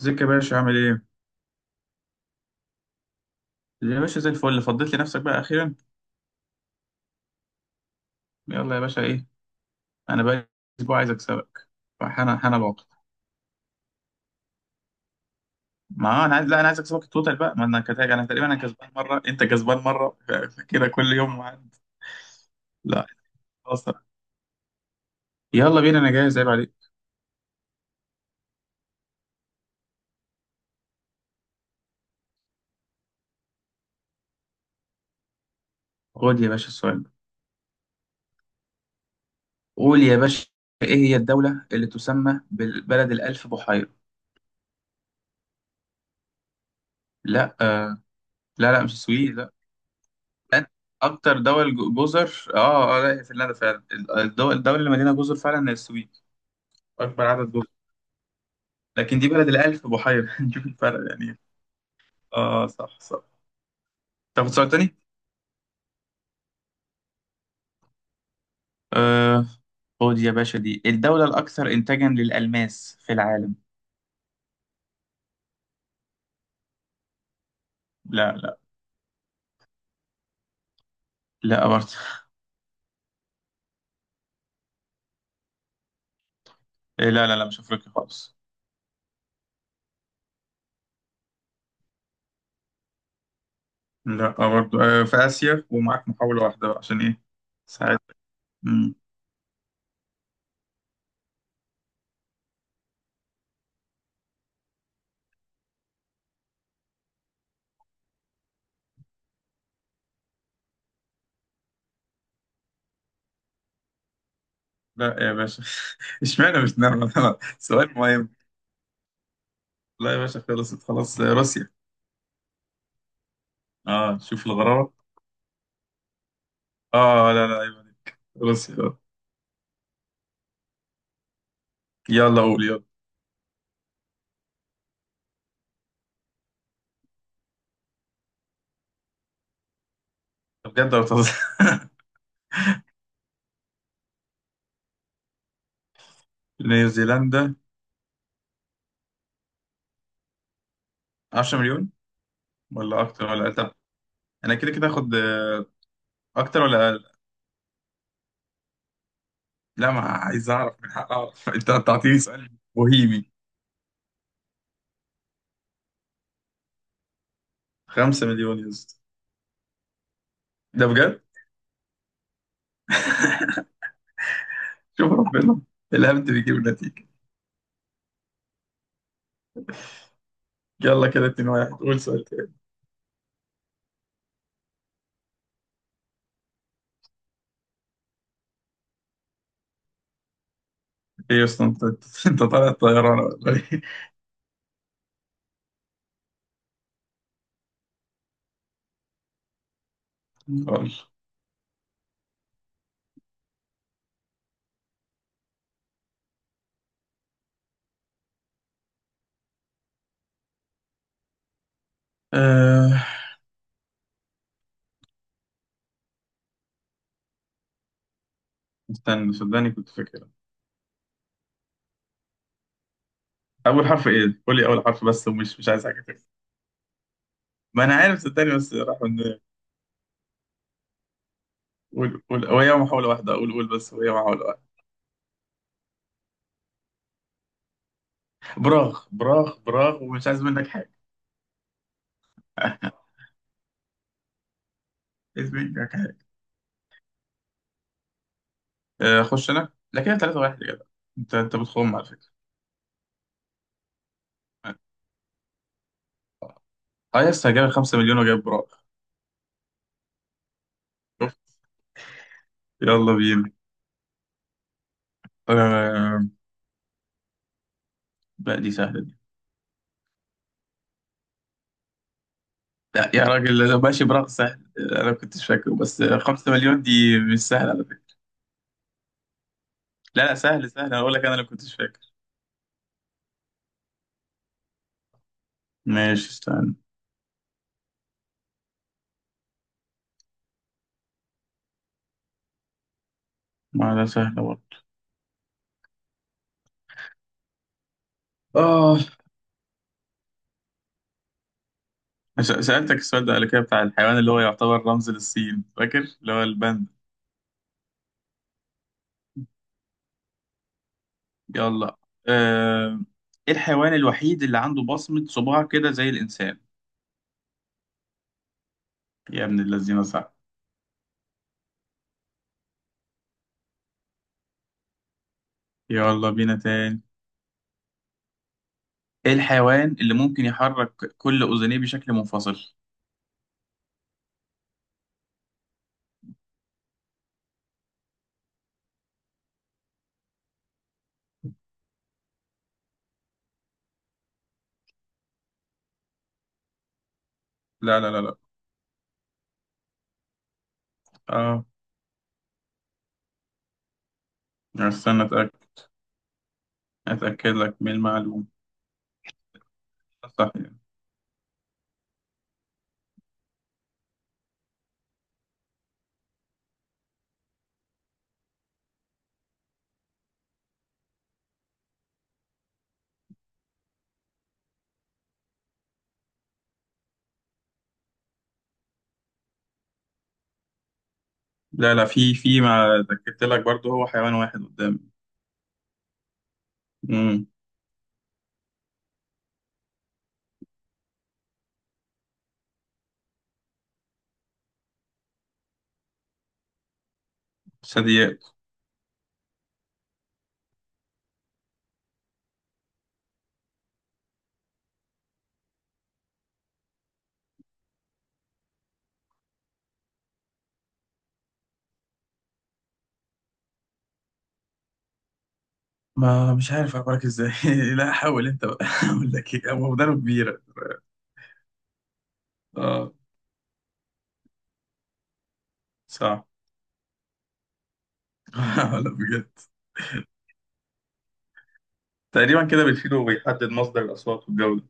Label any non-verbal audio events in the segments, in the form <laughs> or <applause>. ازيك يا باشا؟ عامل ايه؟ يا باشا زي الفل، فضيت لي نفسك بقى اخيرا. يلا يا باشا ايه؟ انا بقى اسبوع عايز اكسبك، فحنا العقد. ما انا عايز، لا، انا عايز اكسبك التوتال بقى. ما انا كتاج، انا تقريبا انا كسبان مره، انت كسبان مره. <laughs> فكده كل يوم عند. لا، خلاص، يلا بينا انا جاهز، عيب عليك. خد يا باشا السؤال ده. قول يا باشا. ايه هي الدوله اللي تسمى بالبلد الالف بحيره؟ لا، آه. لا، لا، مش السويد، لا. لا، اكتر دول جزر، لا، هي فنلندا فعلا. الدول الدول الدوله اللي مليانه جزر فعلا هي السويد، أكبر عدد جزر. لكن دي بلد الألف بحيرة. <laughs> نشوف الفرق يعني. آه، صح صح. تاخد سؤال تاني؟ آه. خد يا باشا، دي الدولة الأكثر إنتاجا للألماس في العالم. لا، لا، لا برضه. لا، لا، لا، مش أفريقيا خالص. لا برضه. في آسيا، ومعاك محاولة واحدة بقى عشان إيه؟ ساعات. مم. لا يا باشا. <laughs> اشمعنى مش نرمى؟ <laughs> سؤال مهم. لا يا باشا، خلصت خلاص. روسيا. اه شوف الغرابة. اه لا لا، عيب عليك، روسيا. يلا، قول يلا. بجد ولا بتهزر؟ <laughs> نيوزيلندا. 10 مليون، ولا اكتر ولا أقل؟ طب، انا كده كده هاخد. اكتر ولا أقل؟ لا، ما عايز اعرف، من حق اعرف. <laughs> انت بتعطيني سؤال بوهيمي. 5 مليون يا اسطى. ده بجد. شوف ربنا، الهبد بيجيب النتيجة. يلا كده 2-1، قول سؤال تاني. ايه يا اسطى انت؟ <laughs> أنت طالع الطيران ولا ايه؟ خالص. أه... استنى، صدقني كنت فاكر. اول حرف ايه؟ قول لي اول حرف بس، ومش مش عايز حاجة تانية. ما انا عارف، صدقني بس راح من. قول، قول، هو هي محاولة واحدة، قول قول بس، هو هي محاولة. براغ براغ براغ، ومش عايز منك حاجة. <laughs> عايز منك حاجة. آه، أخش أنا، لا كده 3 واحد يا جدع. أنت بتخم على فكرة. أه، يس، جايب 5 مليون وجايب براغ. شوف، يلا بينا. آه، بقى دي سهلة دي. لا يا راجل، لا، ماشي، براغ سهل، آه، أنا ما كنتش فاكره، بس 5 مليون دي مش سهلة على فكرة. لا لا، سهل سهل، أنا بقول لك أنا اللي ما كنتش فاكر. ماشي، استنى، ما ده سهل برضه. آه سألتك السؤال ده قبل كده بتاع الحيوان اللي هو يعتبر رمز للصين، فاكر اللي هو الباندا. يلا آه، ايه الحيوان الوحيد اللي عنده بصمة صباع كده زي الإنسان؟ يا ابن الذين صح. يلا بينا تاني. ايه الحيوان اللي ممكن يحرك كل أذنيه بشكل منفصل؟ لا لا لا لا. اه استنى أتأكد، أتأكد لك من المعلومة. صح يعني. لا لا، في في ما اتأكدت لك برضه، هو حيوان واحد قدامي. امم ثدييات. ما مش عارف أخبرك ازاي. <laughs> لا، حاول انت بقى. <laughs> اقول لك ايه، هو مدرب كبيرة. اه. صح. <laughs> لا بجد. تقريبا كده بيشيل وبيحدد مصدر الأصوات والجودة.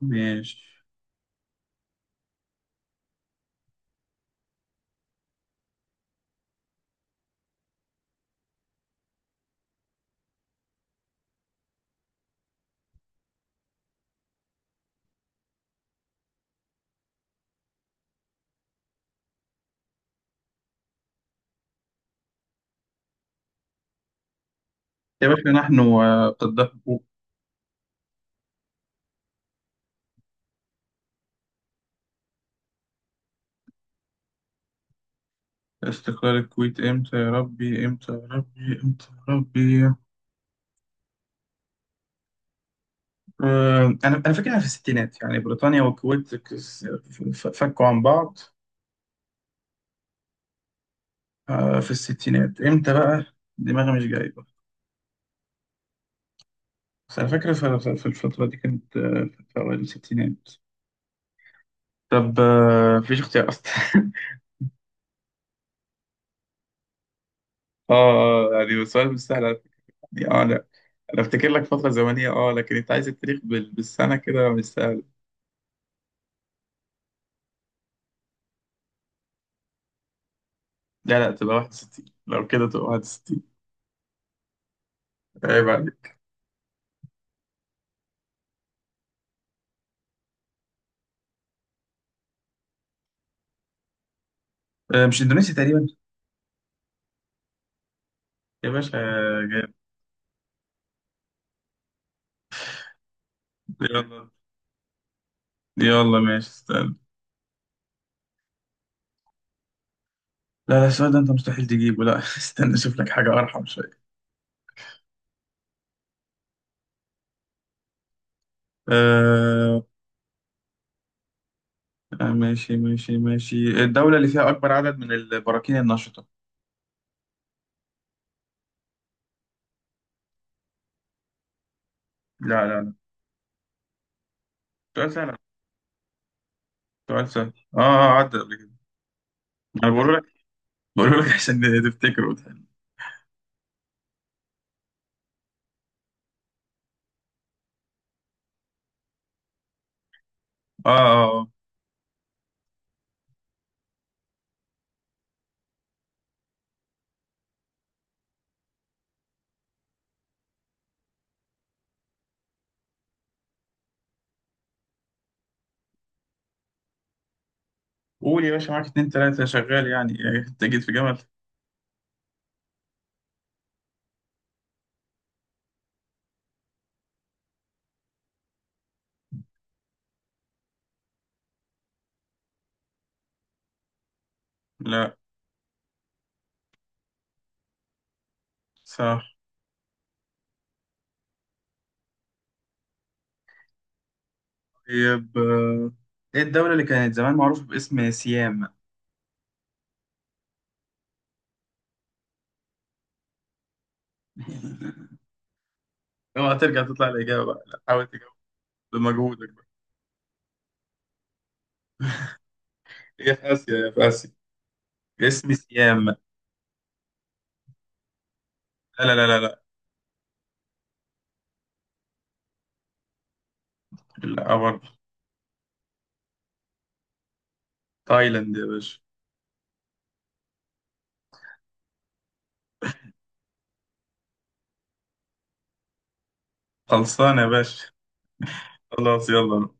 ماشي يا باشا، نحن وقد حقوق. استقلال الكويت امتى؟ يا ربي امتى؟ يا ربي امتى يا ربي؟ انا فاكرها في الستينات، يعني بريطانيا والكويت فكوا عن بعض. في الستينات امتى بقى؟ دماغي مش جايبه. بس انا فاكر في الفترة دي كانت، في اوائل الستينات. طب. مفيش اختيار اصلا. <laughs> يعني السؤال مش سهل على فكرة. يعني اه انا افتكر لك فتره زمنيه، لكن انت عايز التاريخ بالسنه، كده مش سهل. لا لا، تبقى 61، لو كده تبقى 61. عيب عليك. مش اندونيسي تقريبا؟ يا باشا. جامد. يلا. يلا ماشي، استنى. لا لا، السؤال ده انت مستحيل تجيبه، لا. <laughs> استنى اشوف لك حاجه ارحم شويه. آه، آه، ماشي ماشي ماشي. الدوله اللي فيها اكبر عدد من البراكين النشطه. لا لا لا. سؤال سهل، سؤال سهل، عدى قبل كده. انا بقول لك، بقول لك عشان تفتكره وتحل. اه اه، قول يا باشا، معاك اتنين تلاتة شغال، يعني إيه، انت جيت في جمل. لا. صح. طيب. ايه الدولة اللي كانت زمان معروفة باسم سيام؟ <laughs> اوعى ترجع تطلع الإجابة بقى، لا، حاول تجاوب بمجهودك بقى. هي في آسيا، هي في آسيا. اسم سيام، لا. لا لا لا. لا لا برضه. تايلاند يا باشا. خلصانة يا باشا. خلاص، يلا.